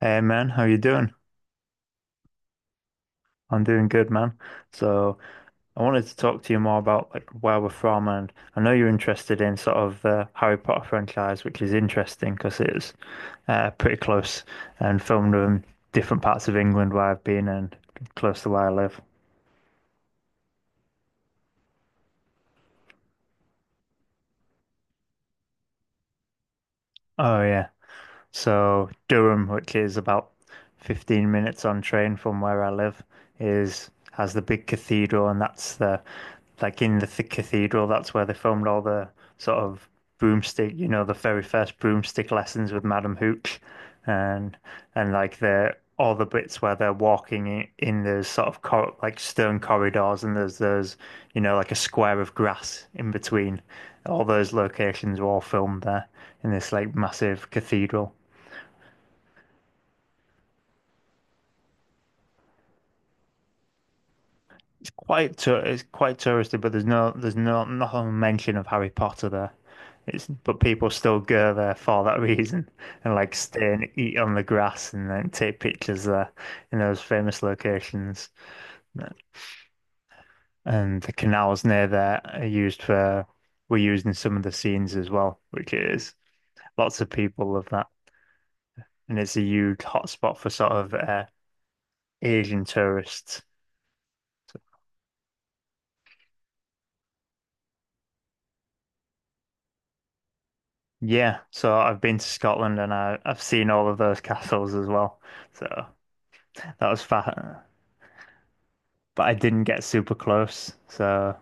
Hey man, how you doing? I'm doing good, man. So I wanted to talk to you more about like where we're from, and I know you're interested in sort of the Harry Potter franchise, which is interesting because it's pretty close and filmed in different parts of England where I've been and close to where I live. Oh yeah. So Durham, which is about 15 minutes on train from where I live, is has the big cathedral, and that's the like in the th cathedral, that's where they filmed all the sort of broomstick, you know, the very first broomstick lessons with Madam Hooch, and like the all the bits where they're walking in those sort of cor like stone corridors, and there's, you know, like a square of grass in between. All those locations were all filmed there in this like massive cathedral. It's quite touristy, but there's no nothing mention of Harry Potter there. It's but people still go there for that reason and like stay and eat on the grass and then take pictures there in those famous locations. And the canals near there are used for were used in some of the scenes as well, which is lots of people love that. And it's a huge hotspot for sort of Asian tourists. So yeah, so I've been to Scotland and I've seen all of those castles as well. So that was fun. But I didn't get super close, so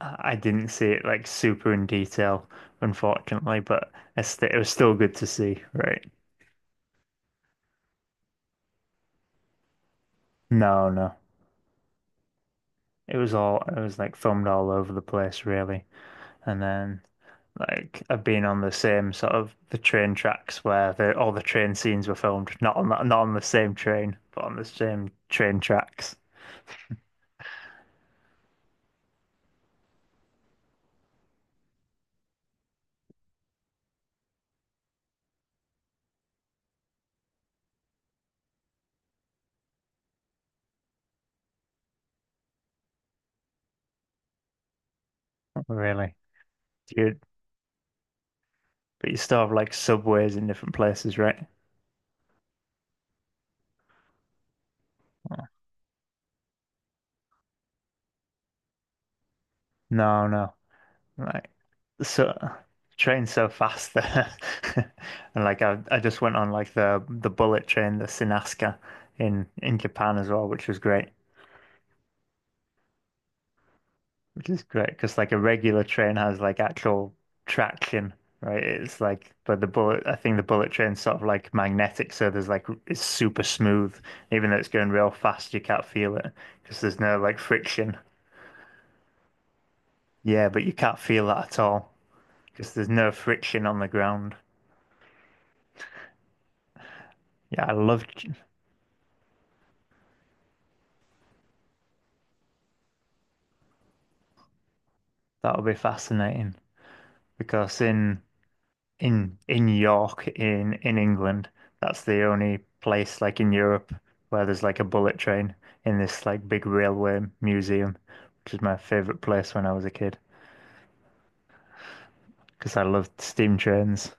I didn't see it like super in detail, unfortunately. But I st it was still good to see, right? No, no. It was all, it was like filmed all over the place, really. And then like I've been on the same sort of the train tracks where all the train scenes were filmed, not on that, not on the same train, but on the same train tracks, really. Do you, But you still have like subways in different places, right? No, no. Like so train's so fast there. And like I just went on like the bullet train, the Shinkansen in Japan as well, which was great. Which is great because like a regular train has like actual traction, right? It's like but the bullet I think the bullet train's sort of like magnetic, so there's like it's super smooth. Even though it's going real fast, you can't feel it because there's no like friction. Yeah, but you can't feel that at all, because there's no friction on the ground. Yeah, I love that'll be fascinating because in York in England, that's the only place like in Europe where there's like a bullet train in this like big railway museum, which is my favorite place when I was a kid because I loved steam trains.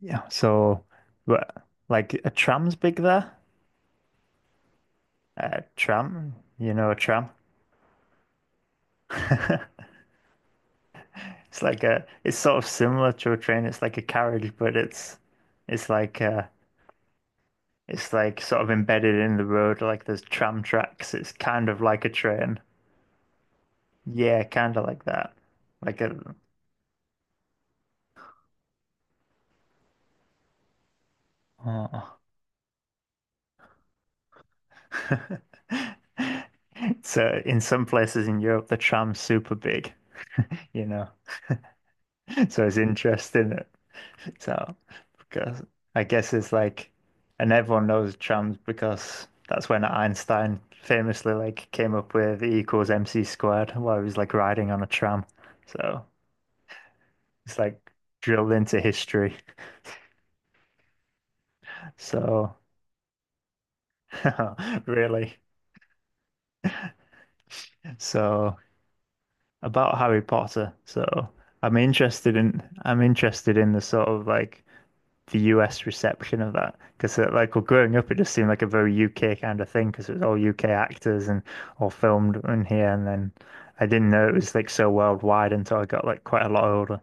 Yeah, so but like a tram's big there. A tram, you know, a tram. It's like it's sort of similar to a train. It's like a carriage, but it's like uh, it's like sort of embedded in the road. Like there's tram tracks. It's kind of like a train. Yeah, kind of like that. Like a, oh. So in some places in Europe, the tram's super big, you know. So it's interesting. So, because I guess it's like, and everyone knows trams because that's when Einstein famously like came up with E equals MC squared while he was like riding on a tram. So it's like drilled into history. So really. So about Harry Potter. So I'm interested in the sort of like the US reception of that because like well, growing up it just seemed like a very UK kind of thing because it was all UK actors and all filmed in here and then I didn't know it was like so worldwide until I got like quite a lot older.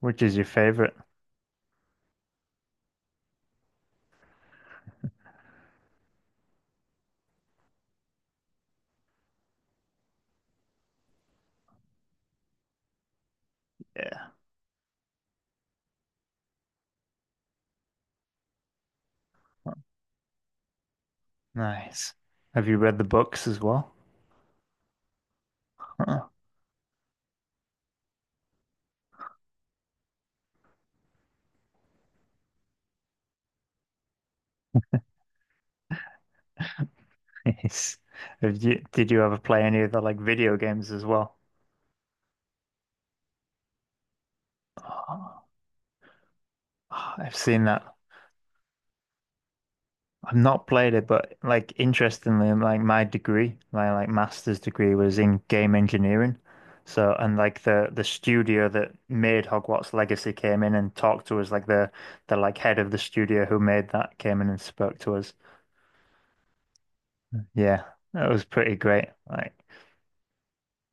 Which is your favorite? Yeah, nice. Have you read the books as well? Oh, nice. Did you ever play any of the like video games as well? Oh, I've seen that. I've not played it, but like interestingly, like my degree, my like master's degree was in game engineering. So and like the studio that made Hogwarts Legacy came in and talked to us, like the like head of the studio who made that came in and spoke to us. Yeah, that was pretty great. Like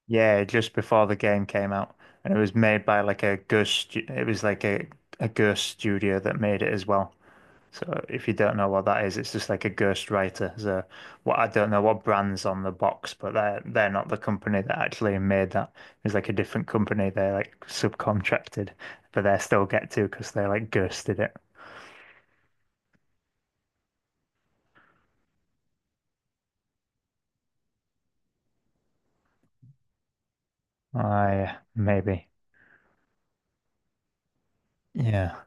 yeah, just before the game came out, and it was made by like a It was like a ghost studio that made it as well. So if you don't know what that is, it's just like a ghost writer. So what I don't know what brand's on the box, but they're not the company that actually made that. It's like a different company. They're like subcontracted, but they still get to because they like ghosted it. I maybe. Yeah.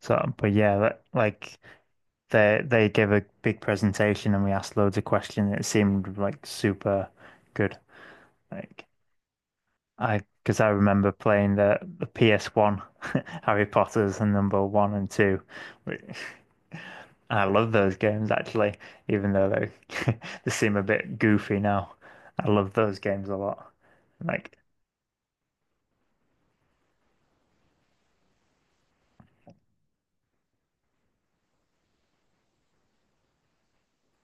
So but yeah, that, like they gave a big presentation and we asked loads of questions. It seemed like super good. Like I because I remember playing the PS1 Harry Potter's and number one and two, which I love those games actually, even though they they seem a bit goofy now. I love those games a lot. Like,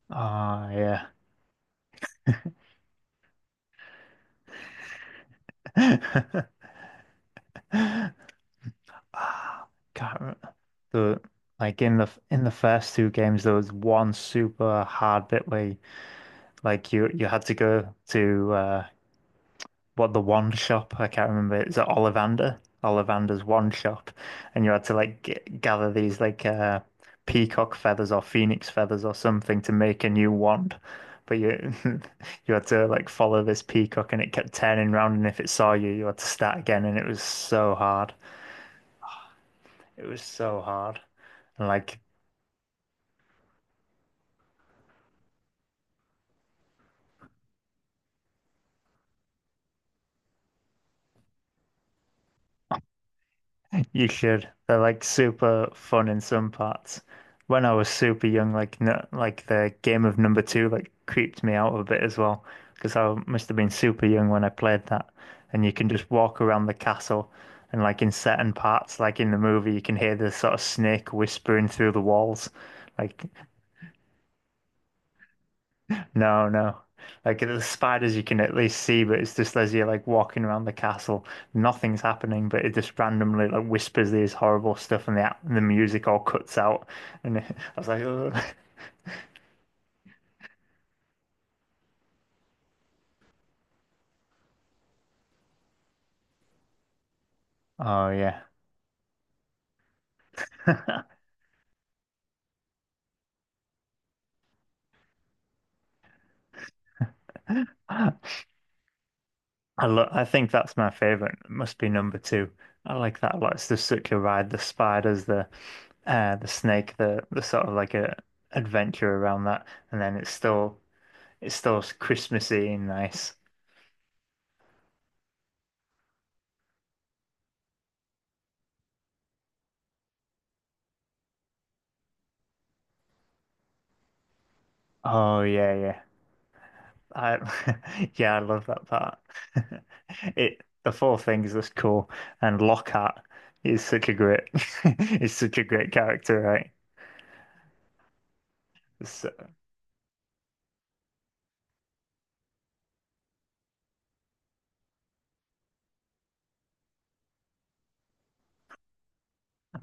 ah, yeah. Ah, can't remember. The like in the first two games, there was one super hard bit where like you had to go to what the one shop I can't remember it's at Ollivander Ollivander's one shop and you had to like g gather these like peacock feathers or phoenix feathers or something to make a new wand but you you had to like follow this peacock and it kept turning round and if it saw you you had to start again and it was so hard, it was so hard and like you should. They're like super fun in some parts. When I was super young, like no, like the game of number two like creeped me out a bit as well because I must have been super young when I played that. And you can just walk around the castle, and like in certain parts, like in the movie, you can hear the sort of snake whispering through the walls. Like no, no. Like the spiders you can at least see, but it's just as you're like walking around the castle, nothing's happening, but it just randomly like whispers these horrible stuff and the music all cuts out. And I was like, "Ugh." Oh yeah. I think that's my favorite. It must be number two. I like that a lot. It's just such a ride. The spiders, the snake, the sort of like a adventure around that, and then it's still Christmassy and nice. Oh yeah, yeah. I yeah, I love that part. It the four things that's cool, and Lockhart is such a great is such a great character, right? So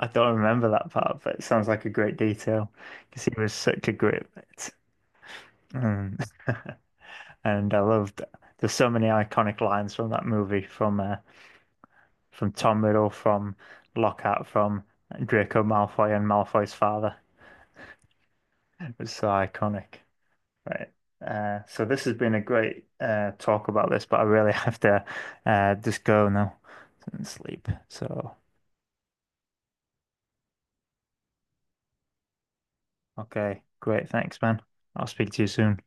I don't remember that part, but it sounds like a great detail because he was such a great bit. Mm. And I loved there's so many iconic lines from that movie from Tom Riddle, from Lockhart, from Draco Malfoy and Malfoy's father. It was so iconic. Right. So this has been a great talk about this, but I really have to just go now and sleep. So, okay, great. Thanks, man. I'll speak to you soon.